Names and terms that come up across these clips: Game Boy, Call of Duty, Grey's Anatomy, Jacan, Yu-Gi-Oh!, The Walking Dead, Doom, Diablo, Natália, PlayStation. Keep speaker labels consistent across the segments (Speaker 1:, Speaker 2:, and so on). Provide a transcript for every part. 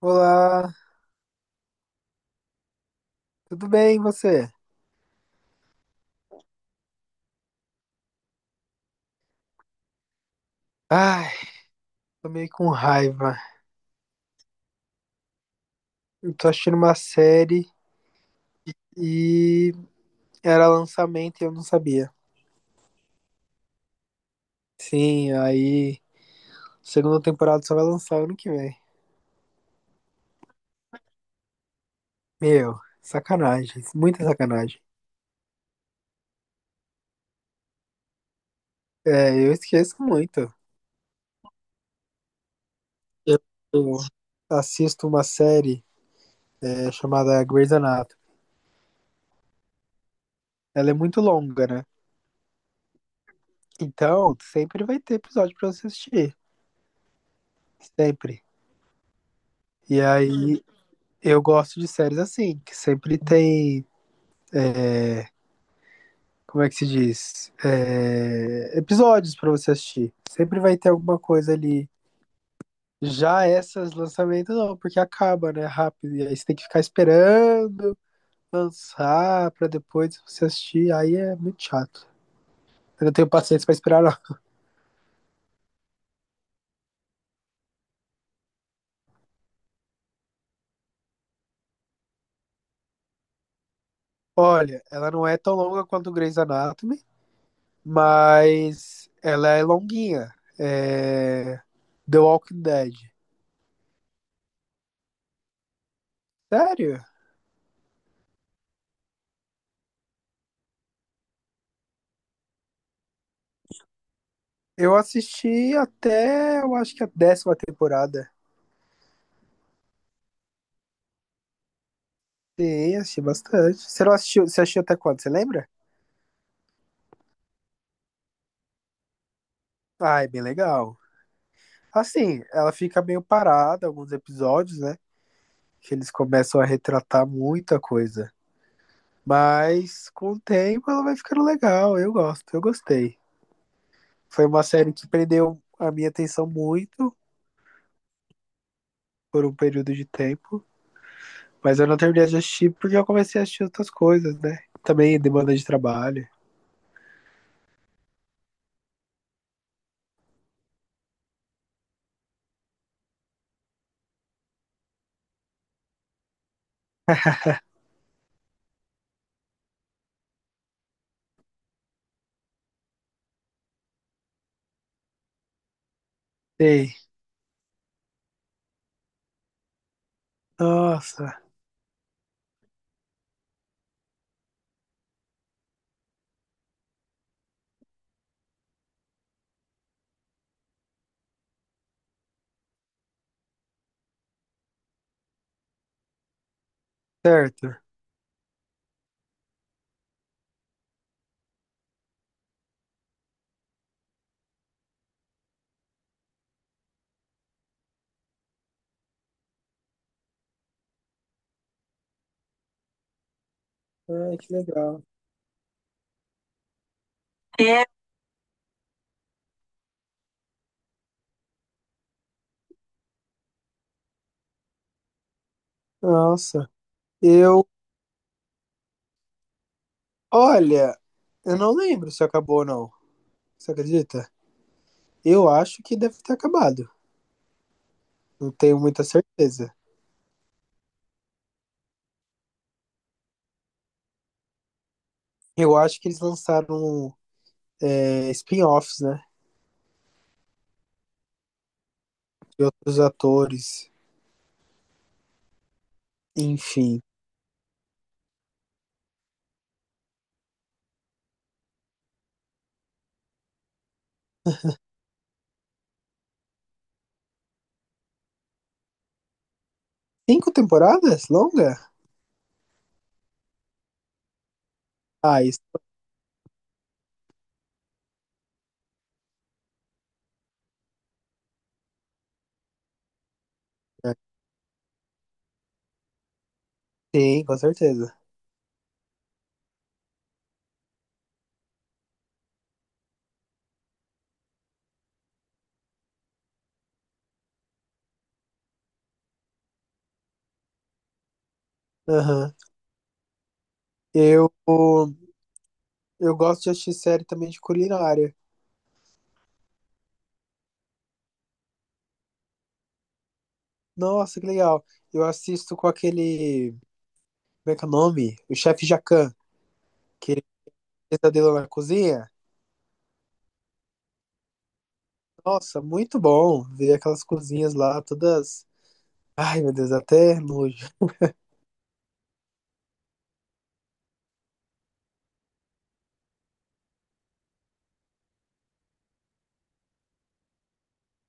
Speaker 1: Olá, tudo bem e você? Ai, tô meio com raiva. Eu tô assistindo uma série e era lançamento e eu não sabia. Sim, aí segunda temporada só vai lançar ano que vem. Meu, sacanagem, muita sacanagem. É, eu esqueço muito. Eu assisto uma série chamada Grey's Anatomy. Ela é muito longa, né? Então, sempre vai ter episódio pra você assistir. Sempre. E aí, eu gosto de séries assim, que sempre tem, como é que se diz? Episódios pra você assistir. Sempre vai ter alguma coisa ali. Já essas lançamentos não, porque acaba, né? Rápido. E aí você tem que ficar esperando lançar pra depois você assistir. Aí é muito chato. Eu não tenho paciência pra esperar, não. Olha, ela não é tão longa quanto o Grey's Anatomy, mas ela é longuinha. É... The Walking Dead. Sério? Eu assisti até, eu acho que a décima temporada. Sim, assisti bastante. Você não assistiu, você assistiu até quando, você lembra? Ah, é bem legal. Assim, ela fica meio parada, alguns episódios, né? Que eles começam a retratar muita coisa. Mas com o tempo ela vai ficando legal, eu gosto, eu gostei. Foi uma série que prendeu a minha atenção muito por um período de tempo, mas eu não terminei de assistir porque eu comecei a assistir outras coisas, né? Também demanda de trabalho. Ei, nossa, certo. Ai, que legal. É, nossa, eu olha, eu não lembro se acabou ou não. Você acredita? Eu acho que deve ter acabado. Não tenho muita certeza. Eu acho que eles lançaram, spin-offs, né? De outros atores. Enfim. Cinco temporadas? Longa? Ah, isso. Né? Sim, com certeza. Aham. Eu, eu gosto de assistir série também de culinária. Nossa, que legal. Eu assisto com aquele. Como é que é o nome? O chefe Jacan, que ele fez a dele na cozinha. Nossa, muito bom ver aquelas cozinhas lá todas. Ai, meu Deus, até nojo.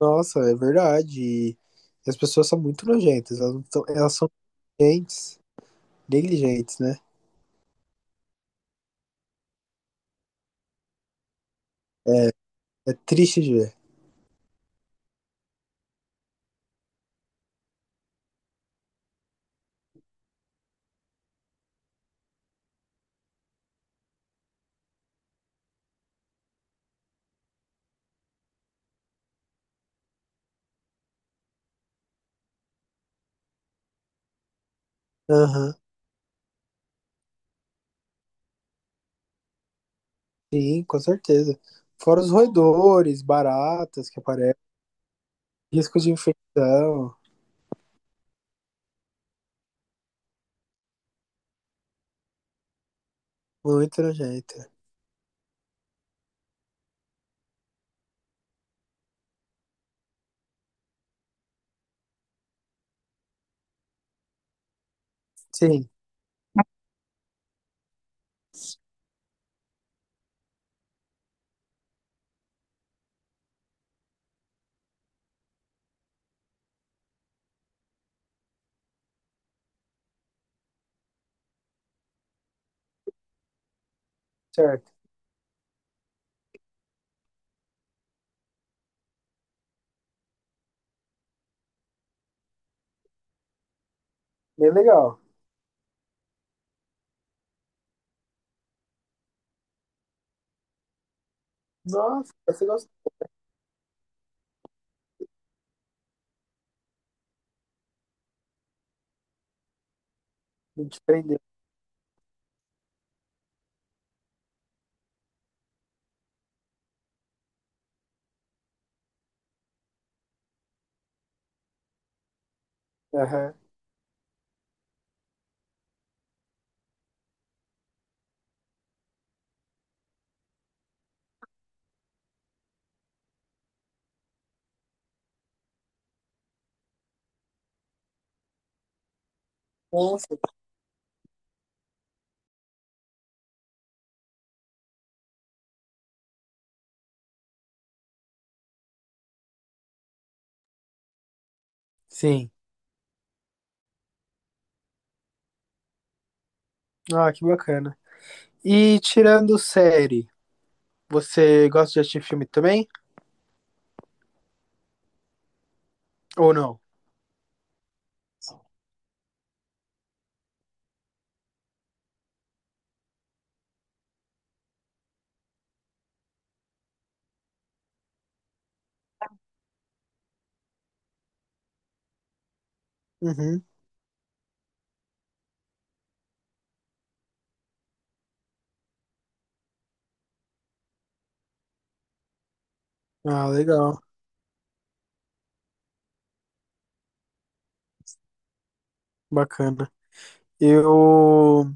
Speaker 1: Nossa, é verdade. E as pessoas são muito nojentas. Elas, não tão- elas são negligentes, negligentes, né? É triste de ver. Aham, sim, com certeza. Fora os roedores, baratas que aparecem, risco de infecção. Muito nojenta. Sim, certo. Bem legal. Nossa, você gostou de prender. Aham. Nossa. Sim. Ah, que bacana. E tirando série. Você gosta de assistir filme também? Ou não? Uhum. Ah, legal. Bacana. Eu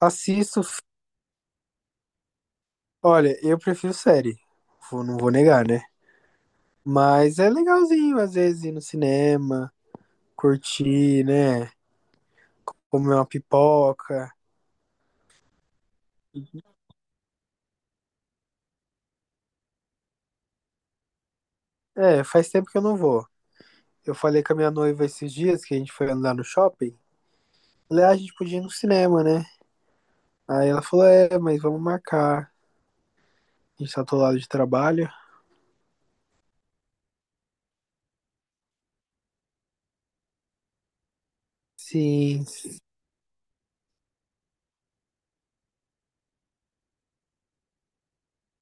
Speaker 1: assisto. Olha, eu prefiro série. Não vou negar, né? Mas é legalzinho, às vezes, ir no cinema, curtir, né? Comer uma pipoca. É, faz tempo que eu não vou. Eu falei com a minha noiva esses dias que a gente foi andar no shopping. Falei, ah, a gente podia ir no cinema, né? Aí ela falou, é, mas vamos marcar. A gente tá do lado de trabalho. Sim,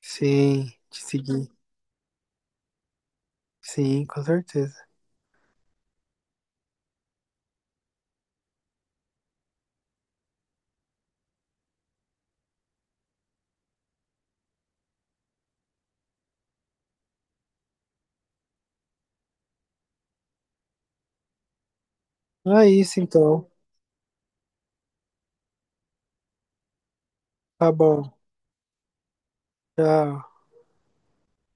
Speaker 1: sim, te segui. Sim, com certeza. Não é isso então. Tá bom. Tchau.